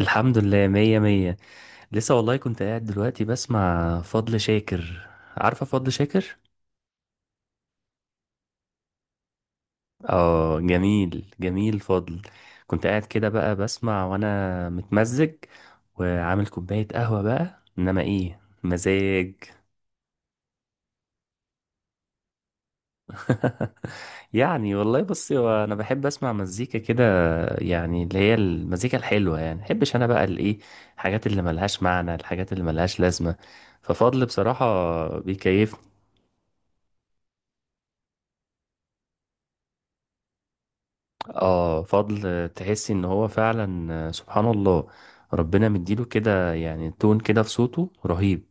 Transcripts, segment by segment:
الحمد لله، مية مية. لسه والله كنت قاعد دلوقتي بسمع فضل شاكر. عارفة فضل شاكر؟ اه، جميل جميل فضل. كنت قاعد كده بقى بسمع وانا متمزج، وعامل كوباية قهوة بقى، انما ايه مزاج! يعني والله بصي، هو انا بحب اسمع مزيكا كده. يعني اللي هي المزيكا الحلوة، يعني محبش انا بقى الايه، الحاجات اللي ملهاش معنى، الحاجات اللي ملهاش لازمة. ففضل بصراحة بيكيفني. اه فضل، تحسي ان هو فعلا سبحان الله، ربنا مديله كده يعني تون كده في صوته رهيب.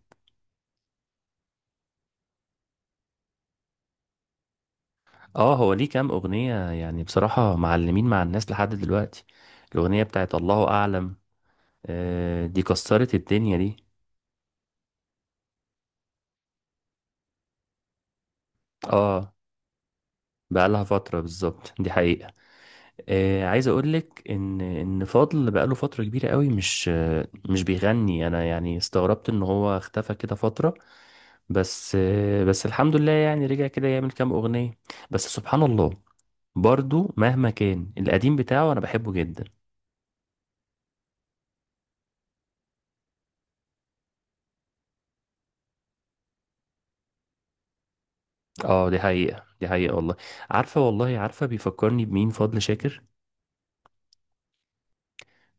اه، هو ليه كام اغنية يعني بصراحة معلمين مع الناس لحد دلوقتي. الاغنية بتاعت الله اعلم، آه دي كسرت الدنيا دي. اه، بقالها فترة بالظبط، دي حقيقة. آه عايز اقولك ان فضل بقاله فترة كبيرة قوي، مش مش بيغني، انا يعني استغربت ان هو اختفى كده فترة. بس بس الحمد لله يعني رجع كده يعمل كام أغنية. بس سبحان الله، برضو مهما كان القديم بتاعه أنا بحبه جدا. اه دي حقيقة، دي حقيقة والله. عارفة، والله عارفة بيفكرني بمين فضل شاكر؟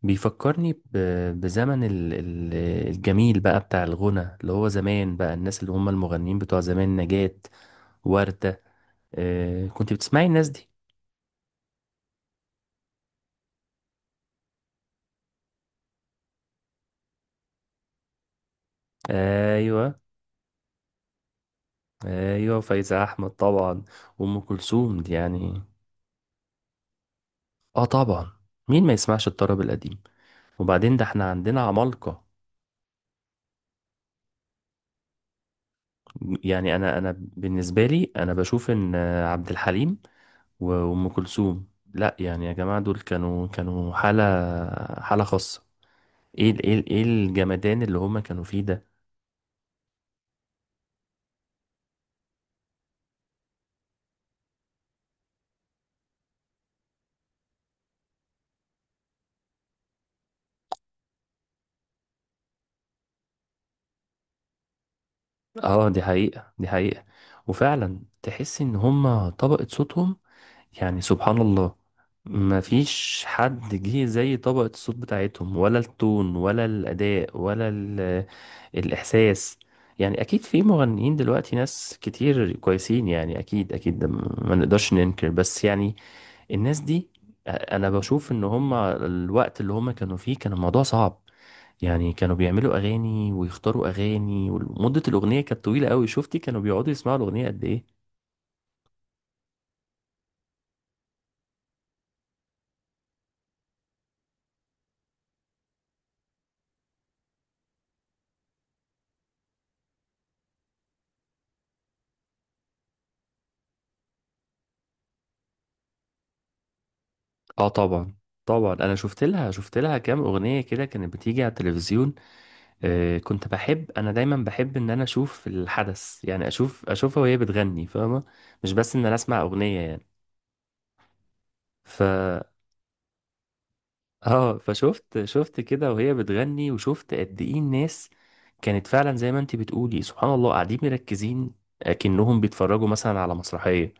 بيفكرني ب- بزمن الجميل بقى بتاع الغنى، اللي هو زمان بقى، الناس اللي هم المغنيين بتوع زمان، نجاة، وردة. آه، كنت بتسمعي الناس دي؟ ايوه، ايوه فايزة احمد طبعا، وام كلثوم دي يعني. اه طبعا، مين ما يسمعش الطرب القديم؟ وبعدين ده احنا عندنا عمالقة. يعني انا بالنسبة لي، انا بشوف ان عبد الحليم و- وام كلثوم، لا يعني يا جماعة، دول كانوا حالة، حالة خاصة. ايه الجمدان اللي هما كانوا فيه ده. اه دي حقيقة، دي حقيقة. وفعلا تحس ان هما طبقة صوتهم، يعني سبحان الله، ما فيش حد جه زي طبقة الصوت بتاعتهم، ولا التون، ولا الأداء، الإحساس. يعني أكيد في مغنيين دلوقتي، ناس كتير كويسين، يعني أكيد أكيد ده ما نقدرش ننكر. بس يعني الناس دي، أنا بشوف إن هما الوقت اللي هما كانوا فيه كان الموضوع صعب. يعني كانوا بيعملوا أغاني ويختاروا أغاني، ومدة الأغنية كانت طويلة أوي، شفتي كانوا بيقعدوا يسمعوا الأغنية قد إيه؟ اه طبعا طبعا. انا شفت لها كام اغنيه كده كانت بتيجي على التلفزيون. آه كنت بحب، انا دايما بحب ان انا اشوف الحدث، يعني اشوفها وهي بتغني، فاهمه؟ مش بس ان انا اسمع اغنيه يعني. ف اه فشفت كده وهي بتغني، وشفت قد ايه الناس كانت فعلا زي ما انت بتقولي سبحان الله قاعدين مركزين، اكنهم بيتفرجوا مثلا على مسرحيه.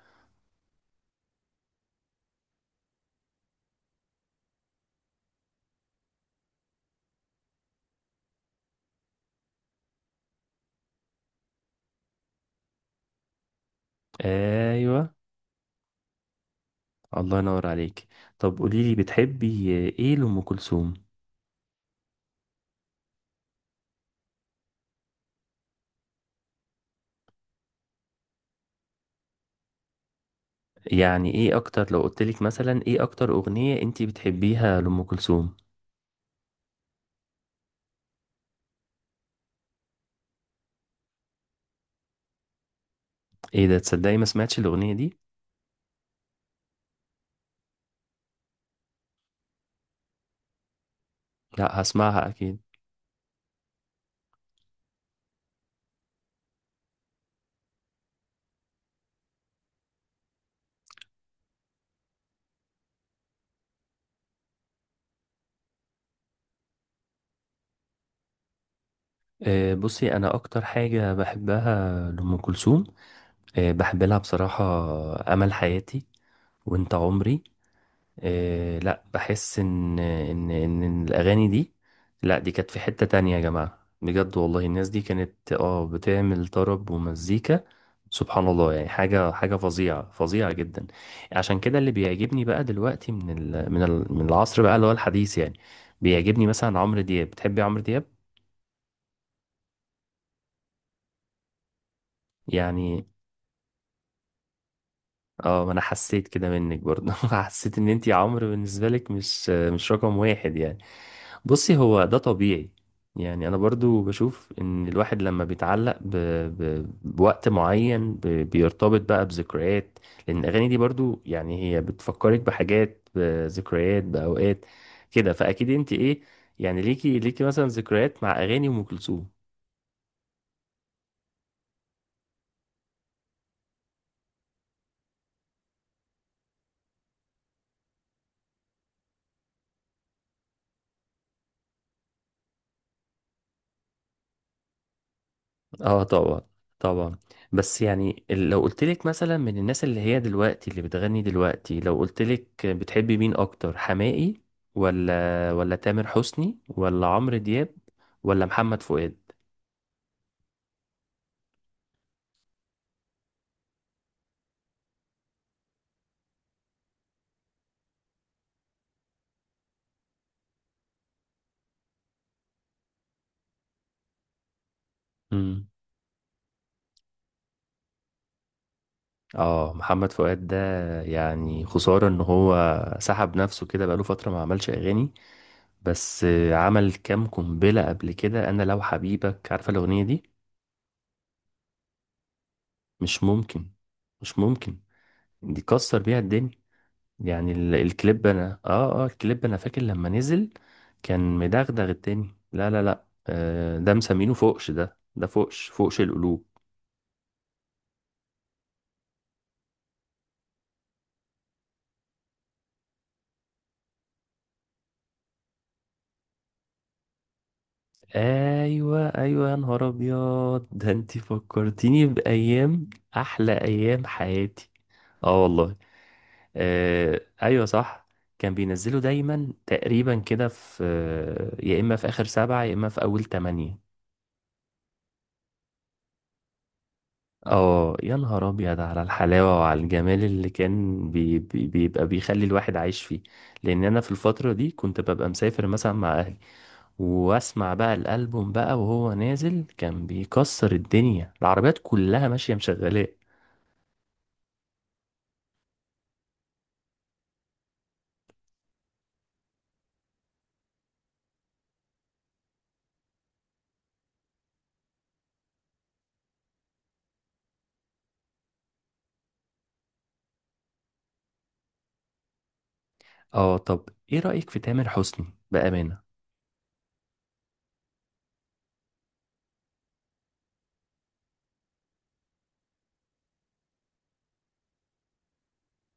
ايوه. الله ينور عليك. طب قولي لي، بتحبي ايه لأم كلثوم؟ يعني ايه اكتر، لو قلتلك مثلا، ايه اكتر اغنية انتي بتحبيها لأم كلثوم؟ ايه ده، تصدقي ما سمعتش الاغنية دي. لا هسمعها اكيد. أه بصي، انا اكتر حاجة بحبها لأم كلثوم، أه بحب لها بصراحة امل حياتي وانت عمري. إيه، لا بحس ان ان الاغاني دي، لا دي كانت في حتة تانية يا جماعة، بجد والله الناس دي كانت اه بتعمل طرب ومزيكا. سبحان الله يعني، حاجة فظيعة فظيعة جدا. عشان كده اللي بيعجبني بقى دلوقتي من ال من ال من العصر بقى اللي هو الحديث يعني. بيعجبني مثلا عمرو دياب، بتحبي عمرو دياب؟ يعني اه، ما انا حسيت كده منك برضه. حسيت ان انتي عمرو بالنسبة لك مش رقم واحد يعني. بصي هو ده طبيعي. يعني انا برضو بشوف ان الواحد لما بيتعلق ب... بوقت معين، بيرتبط بقى بذكريات. لان الاغاني دي برضو يعني هي بتفكرك بحاجات بذكريات باوقات كده، فاكيد انت ايه. يعني ليكي مثلا ذكريات مع اغاني ام كلثوم؟ اه طبعا، طبعا. بس يعني لو قلت لك مثلا من الناس اللي هي دلوقتي اللي بتغني دلوقتي، لو قلت لك بتحبي مين اكتر، حماقي ولا تامر حسني ولا عمرو دياب ولا محمد فؤاد؟ امم اه، محمد فؤاد ده يعني خسارة ان هو سحب نفسه كده بقاله فترة ما عملش اغاني. بس عمل كام قنبلة قبل كده، انا لو حبيبك، عارفة الاغنية دي؟ مش ممكن، مش ممكن، دي كسر بيها الدنيا. يعني الكليب انا فاكر لما نزل. كان مدغدغ التاني، لا لا لا، آه ده مسمينه فوقش ده ده فوقش فوقش القلوب. ايوه، ايوه يا نهار ابيض ده، انت فكرتيني بايام احلى ايام حياتي، اه والله. آه ايوه صح. كان بينزله دايما تقريبا كده في يا اما في اخر سبعة، يا اما في اول تمانية. اه، يا نهار ابيض على الحلاوه وعلى الجمال اللي كان بي بي بيبقى بيخلي الواحد عايش فيه. لان انا في الفتره دي كنت ببقى مسافر مثلا مع اهلي، واسمع بقى الالبوم بقى وهو نازل، كان بيكسر الدنيا، العربيات كلها ماشيه مشغلاه. اه، طب ايه رايك في تامر حسني، بامانه؟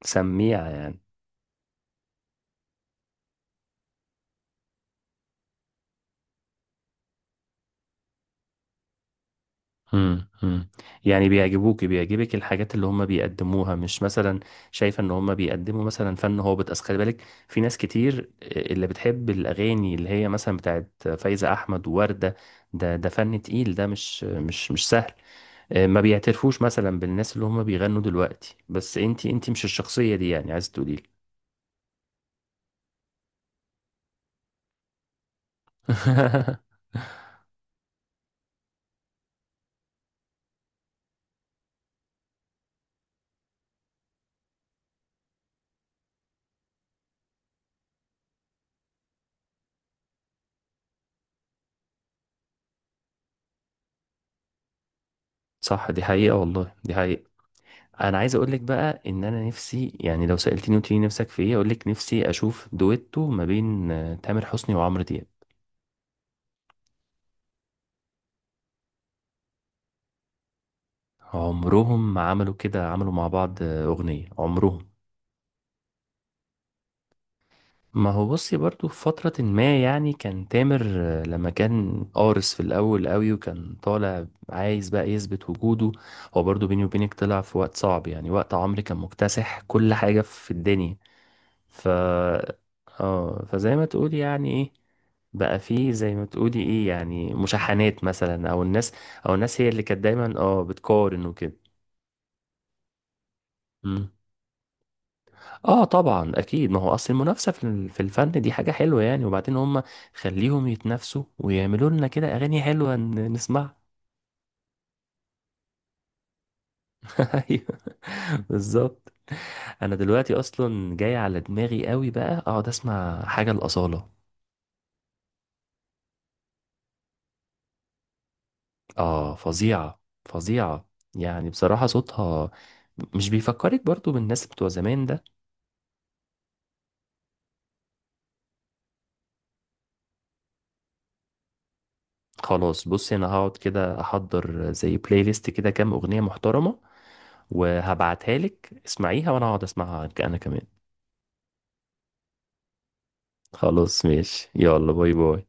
سميع يعني؟ امم امم يعني بيعجبوك، بيعجبك الحاجات اللي هم بيقدموها، مش مثلا شايفه ان هم بيقدموا مثلا فن هابط؟ اصل خلي بالك، في ناس كتير اللي بتحب الاغاني اللي هي مثلا بتاعت فايزة احمد ووردة. ده فن تقيل، ده مش سهل. ما بيعترفوش مثلا بالناس اللي هم بيغنوا دلوقتي، بس انتي مش الشخصية دي يعني عايز تقولي؟ صح دي حقيقة والله، دي حقيقة. انا عايز اقول لك بقى ان انا نفسي، يعني لو سالتني قلت لي نفسك في ايه، اقول لك نفسي اشوف دويتو ما بين تامر حسني وعمرو دياب. عمرهم ما عملوا كده، عملوا مع بعض اغنيه عمرهم. ما هو بصي برضو في فترة، ما يعني كان تامر لما كان قارس في الأول قوي، وكان طالع عايز بقى يثبت وجوده. هو برضو بيني وبينك طلع في وقت صعب، يعني وقت عمرو كان مكتسح كل حاجة في الدنيا. ف اه فزي ما تقولي يعني ايه، بقى فيه زي ما تقولي ايه يعني مشاحنات مثلا، او الناس هي اللي كانت دايما اه بتقارن وكده. مم. اه طبعا اكيد، ما هو اصل المنافسه في في الفن دي حاجه حلوه يعني. وبعدين هم خليهم يتنافسوا ويعملوا لنا كده اغاني حلوه، نسمعها. ايوه بالظبط. انا دلوقتي اصلا جاي على دماغي قوي بقى اقعد اسمع حاجه الاصاله. اه فظيعة فظيعة. يعني بصراحة صوتها مش بيفكرك برضو بالناس بتوع زمان ده؟ خلاص بصي، انا هقعد كده احضر زي بلاي ليست كده كام اغنية محترمة، وهبعتها لك اسمعيها، وانا هقعد اسمعها انا كمان. خلاص ماشي، يلا باي باي.